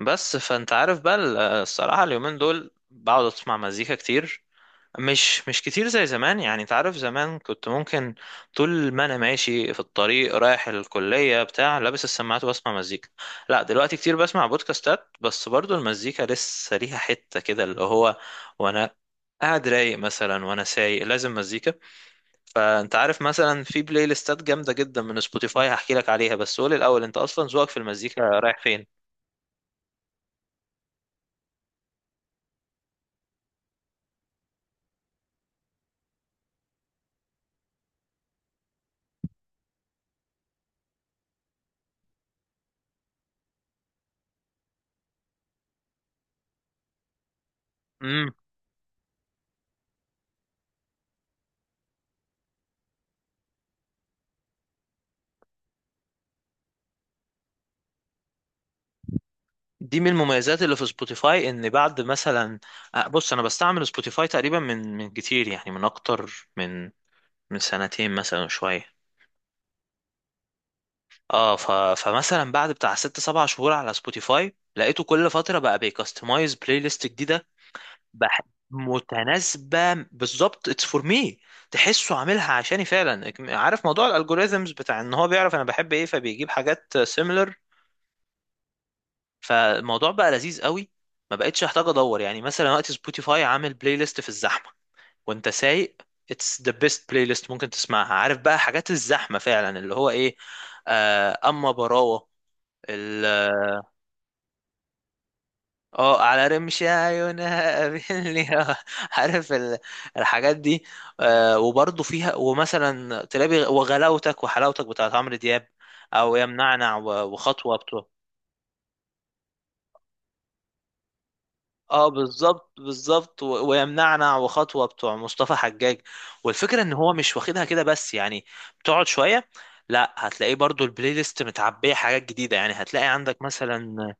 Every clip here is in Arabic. بس فانت عارف بقى الصراحة اليومين دول بقعد اسمع مزيكا كتير. مش كتير زي زمان، يعني انت عارف زمان كنت ممكن طول ما انا ماشي في الطريق رايح الكلية بتاع لابس السماعات وبسمع مزيكا. لا دلوقتي كتير بسمع بودكاستات، بس برضو المزيكا لسه ليها حتة كده اللي هو، وانا قاعد رايق مثلا وانا سايق لازم مزيكا. فانت عارف مثلا في بلاي ليستات جامدة جدا من سبوتيفاي، هحكي لك عليها، بس قول الاول انت اصلا ذوقك في المزيكا رايح فين؟ دي من المميزات اللي في سبوتيفاي، ان بعد مثلا، آه، بص انا بستعمل سبوتيفاي تقريبا من كتير، يعني من اكتر من سنتين مثلا شوية. اه فمثلا بعد بتاع ست سبع شهور على سبوتيفاي لقيته كل فترة بقى بيكستمايز بلاي ليست جديدة. بح... متناسبة بالظبط، اتس فور مي. تحسه عاملها عشاني فعلا، عارف موضوع الالجوريزمز بتاع ان هو بيعرف انا بحب ايه فبيجيب حاجات similar. فالموضوع بقى لذيذ قوي، ما بقتش احتاج ادور. يعني مثلا وقت سبوتيفاي عامل بلاي ليست في الزحمه وانت سايق، اتس ذا بيست بلاي ليست ممكن تسمعها. عارف بقى حاجات الزحمه فعلا اللي هو ايه. آه، اما براوه. ال- اه آه، على رمش عيونها قابلني آه، عارف الحاجات دي. آه، وبرضه فيها، ومثلا تلاقي وغلاوتك وحلاوتك بتاعت عمرو دياب، او يمنعنع وخطوه. اه بالظبط بالظبط، ويمنعنا وخطوه بتوع مصطفى حجاج. والفكره ان هو مش واخدها كده بس، يعني بتقعد شويه، لا هتلاقيه برضو البلاي ليست متعبيه حاجات جديده. يعني هتلاقي عندك مثلا،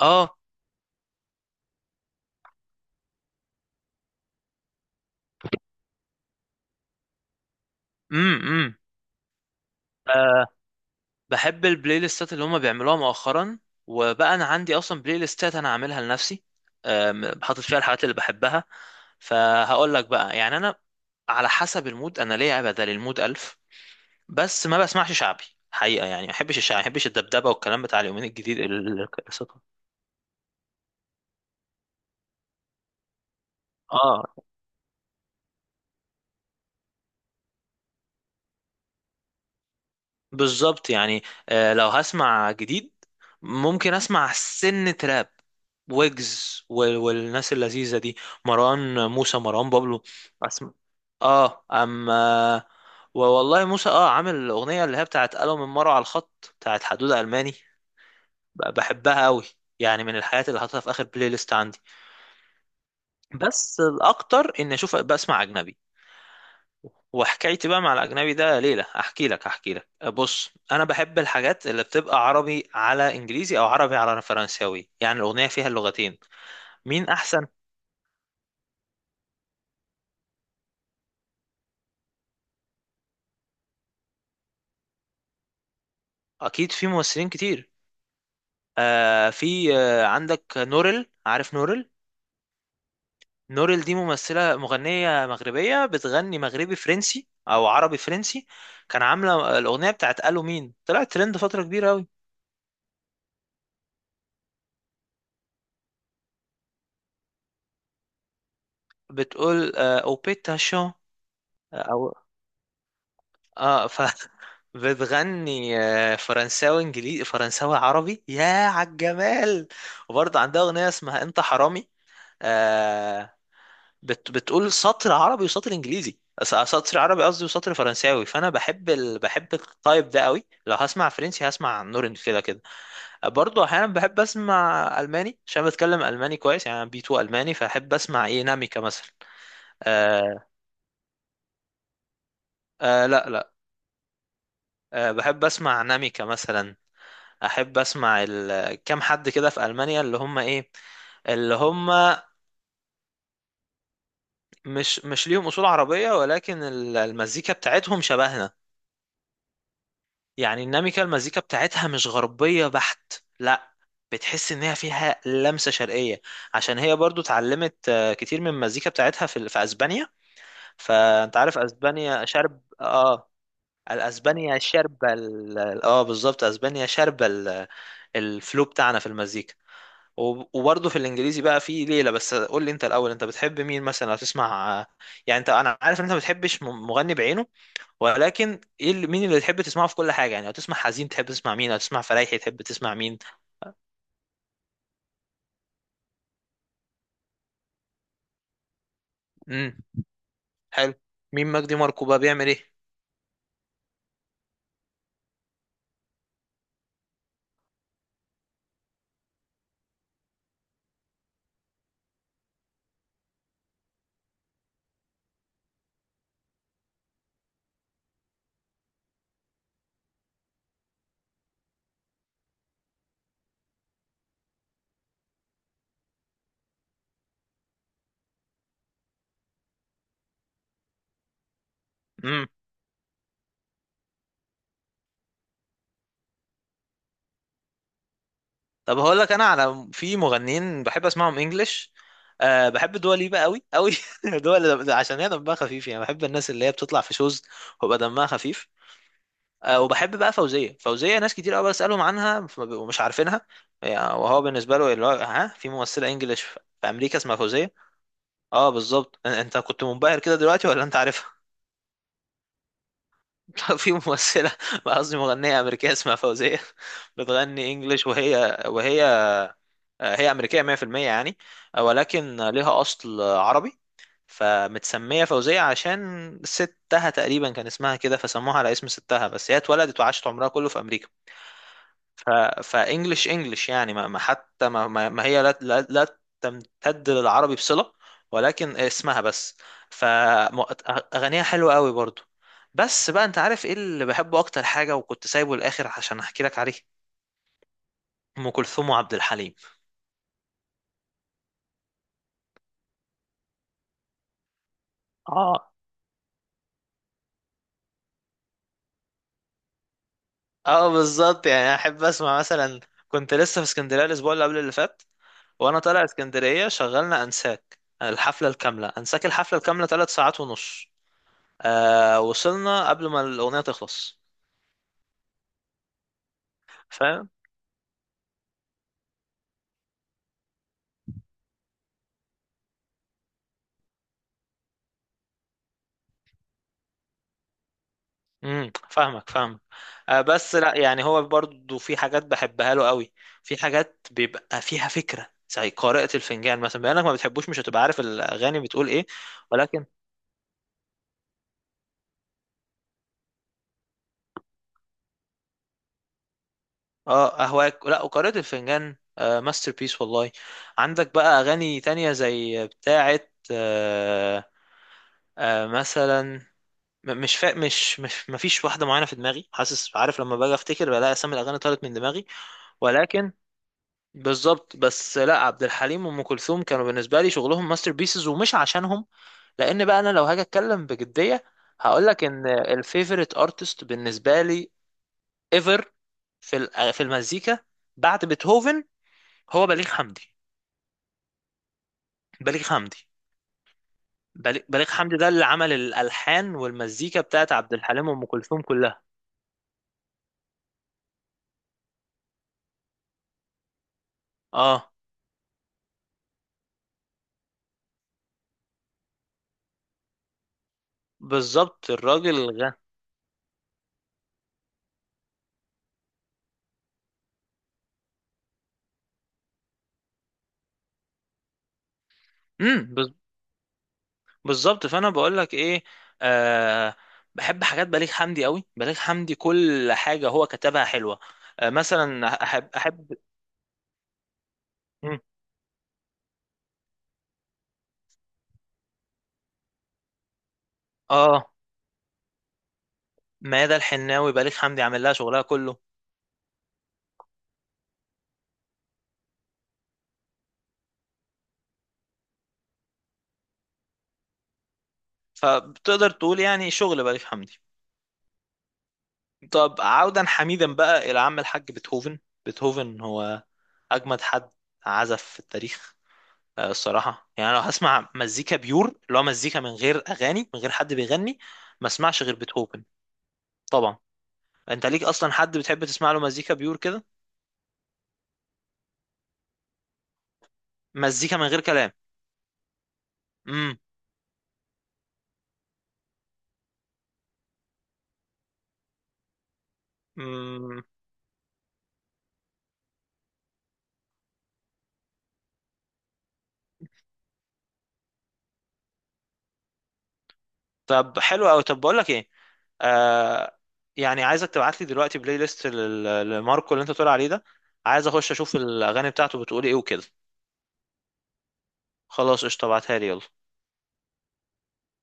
اه. امم، امم. آه، بحب البلاي ليستات اللي هم بيعملوها مؤخرا. وبقى انا عندي اصلا بلاي ليستات انا عاملها لنفسي، آم، حاطط فيها الحاجات اللي بحبها. فهقول لك بقى، يعني انا على حسب المود انا ليا بدل المود 1000. بس ما بسمعش شعبي حقيقة، يعني ما بحبش الشعبي، ما بحبش الدبدبة والكلام بتاع اليومين الجديد القصة. اه بالظبط. يعني آه، لو هسمع جديد ممكن اسمع سن تراب ويجز والناس اللذيذة دي، مروان موسى، مروان بابلو. اسمع، اه اما والله موسى، اه عامل الاغنية اللي هي بتاعت قالوا من مرة على الخط بتاعت حدودة الماني، بحبها قوي. يعني من الحاجات اللي حاططها في اخر بلاي ليست عندي. بس الاكتر اني اشوف بسمع اجنبي، وحكايتي بقى مع الاجنبي ده ليله. احكي لك. بص، انا بحب الحاجات اللي بتبقى عربي على انجليزي او عربي على فرنساوي، يعني الاغنيه فيها اللغتين مين احسن. اكيد، في ممثلين كتير. آه، في، آه عندك نورل، عارف نورل؟ نورل دي ممثله، مغنيه مغربيه، بتغني مغربي فرنسي او عربي فرنسي. كان عامله الاغنيه بتاعت الو مين، طلعت ترند فتره كبيره قوي. بتقول آه اوبيتا شو. آه، او اه ف بتغني آه، فرنساوي انجليزي، فرنساوي عربي، يا عالجمال. وبرضه عندها اغنيه اسمها انت حرامي. آه، بتقول سطر عربي وسطر انجليزي، سطر عربي قصدي وسطر فرنساوي. فانا بحب بحب التايب ده قوي. لو هسمع فرنسي هسمع نورن كده كده. آه، برضه احيانا بحب اسمع الماني عشان بتكلم الماني كويس، يعني أنا بي 2 الماني، فاحب اسمع ايه، ناميكا مثلا. آه. آه لا لا. آه بحب اسمع ناميكا مثلا، احب اسمع كام حد كده في المانيا اللي هم ايه، اللي هم، مش ليهم اصول عربيه ولكن المزيكا بتاعتهم شبهنا. يعني الناميكا المزيكا بتاعتها مش غربيه بحت، لا، بتحس ان هي فيها لمسه شرقيه. عشان هي برضو اتعلمت، آه، كتير من المزيكا بتاعتها في في اسبانيا. فانت عارف اسبانيا شرب اه، الاسبانيا شاربه بالظبط، اسبانيا شاربه الفلو بتاعنا في المزيكا. وبرضه في الانجليزي بقى في ليله، بس قول لي انت الاول، انت بتحب مين مثلا لو تسمع؟ يعني انت، انا عارف ان انت ما بتحبش مغني بعينه، ولكن ايه مين اللي تحب تسمعه في كل حاجه. يعني لو تسمع حزين تحب تسمع مين؟ لو تسمع فرايحي تحب تسمع مين؟ امم. حلو. مين مجدي ماركو بقى، بيعمل ايه؟ امم. طب هقول لك انا، في مغنيين بحب اسمعهم انجلش. أه، بحب دوا ليبا قوي قوي دول عشان هي دمها خفيف، يعني بحب الناس اللي هي بتطلع في شوز ويبقى دمها خفيف. آه، وبحب بقى فوزية. فوزية ناس كتير قوي بسألهم عنها فما بيبقوا مش عارفينها. يعني وهو بالنسبة له اللي هو، ها، في ممثلة انجليش في أمريكا اسمها فوزية. اه بالظبط، انت كنت منبهر كده دلوقتي ولا انت عارفها؟ لا، في ممثلة قصدي مغنية أمريكية اسمها فوزية بتغني انجليش، وهي آه، هي أمريكية 100% يعني. آه، ولكن ليها أصل عربي. فمتسمية فوزية عشان ستها تقريبا كان اسمها كده، فسموها على اسم ستها، بس هي اتولدت وعاشت عمرها كله في أمريكا. فانجلش يعني، ما حتى ما هي لا تمتد للعربي بصلة، ولكن اسمها بس. فاغانيها حلوة قوي برضو. بس بقى، انت عارف ايه اللي بحبه اكتر حاجة وكنت سايبه الاخر عشان احكي لك عليه؟ ام كلثوم وعبد الحليم. اه. اه بالظبط، يعني انا احب اسمع مثلا، كنت لسه في اسكندرية الاسبوع اللي قبل اللي فات، وانا طالع اسكندرية شغلنا انساك الحفلة الكاملة، انساك الحفلة الكاملة 3 ساعات ونص، آه، وصلنا قبل ما الأغنية تخلص. فاهم. امم، فاهمك فاهمك. آه بس لا، يعني هو برضو في حاجات بحبها له قوي. في حاجات بيبقى فيها فكره زي قارئة الفنجان مثلا، بما انك ما بتحبوش مش هتبقى عارف الاغاني بتقول ايه، ولكن. اه اهواك، لا وقارئة الفنجان آه، ماستر بيس والله. عندك بقى اغاني تانية زي بتاعه؟ آه، آه مثلا، م- مش فا... مش مش مفيش واحده معينه في دماغي، حاسس، عارف لما باجي افتكر بلاقي اسامي الاغاني طارت من دماغي، ولكن بالظبط. بس لا، عبد الحليم وام كلثوم كانوا بالنسبه لي شغلهم ماستر بيسز، ومش عشانهم، لان بقى انا لو هاجي اتكلم بجديه هقول لك ان الفيفوريت ارتست بالنسبه لي ايفر في في المزيكا بعد بيتهوفن هو بليغ حمدي. بليغ حمدي. بليغ حمدي ده اللي عمل الالحان والمزيكا بتاعت عبد الحليم وام كلثوم كلها. اه. بالظبط، الراجل غني. بالظبط، فانا بقول لك ايه، آه بحب حاجات بليغ حمدي قوي. بليغ حمدي كل حاجه هو كتبها حلوه. آه مثلا، احب مم. اه، ميادة الحناوي بليغ حمدي عامل لها شغلها كله. فبتقدر تقول يعني شغل بليغ حمدي. طب عودا حميدا بقى الى عم الحاج بيتهوفن. بيتهوفن هو اجمد حد عزف في التاريخ. آه، الصراحه يعني لو هسمع مزيكا بيور، اللي هو مزيكا من غير اغاني، من غير حد بيغني، ما اسمعش غير بيتهوفن. طبعا انت ليك اصلا حد بتحب تسمع له مزيكا بيور كده، مزيكا من غير كلام؟ امم. امم. طب حلو قوي. طب بقول لك ايه، آه، يعني عايزك تبعت لي دلوقتي بلاي ليست لماركو اللي انت بتقول عليه ده، عايز اخش اشوف الاغاني بتاعته بتقول ايه وكده. خلاص قشطه. ابعتها لي يلا.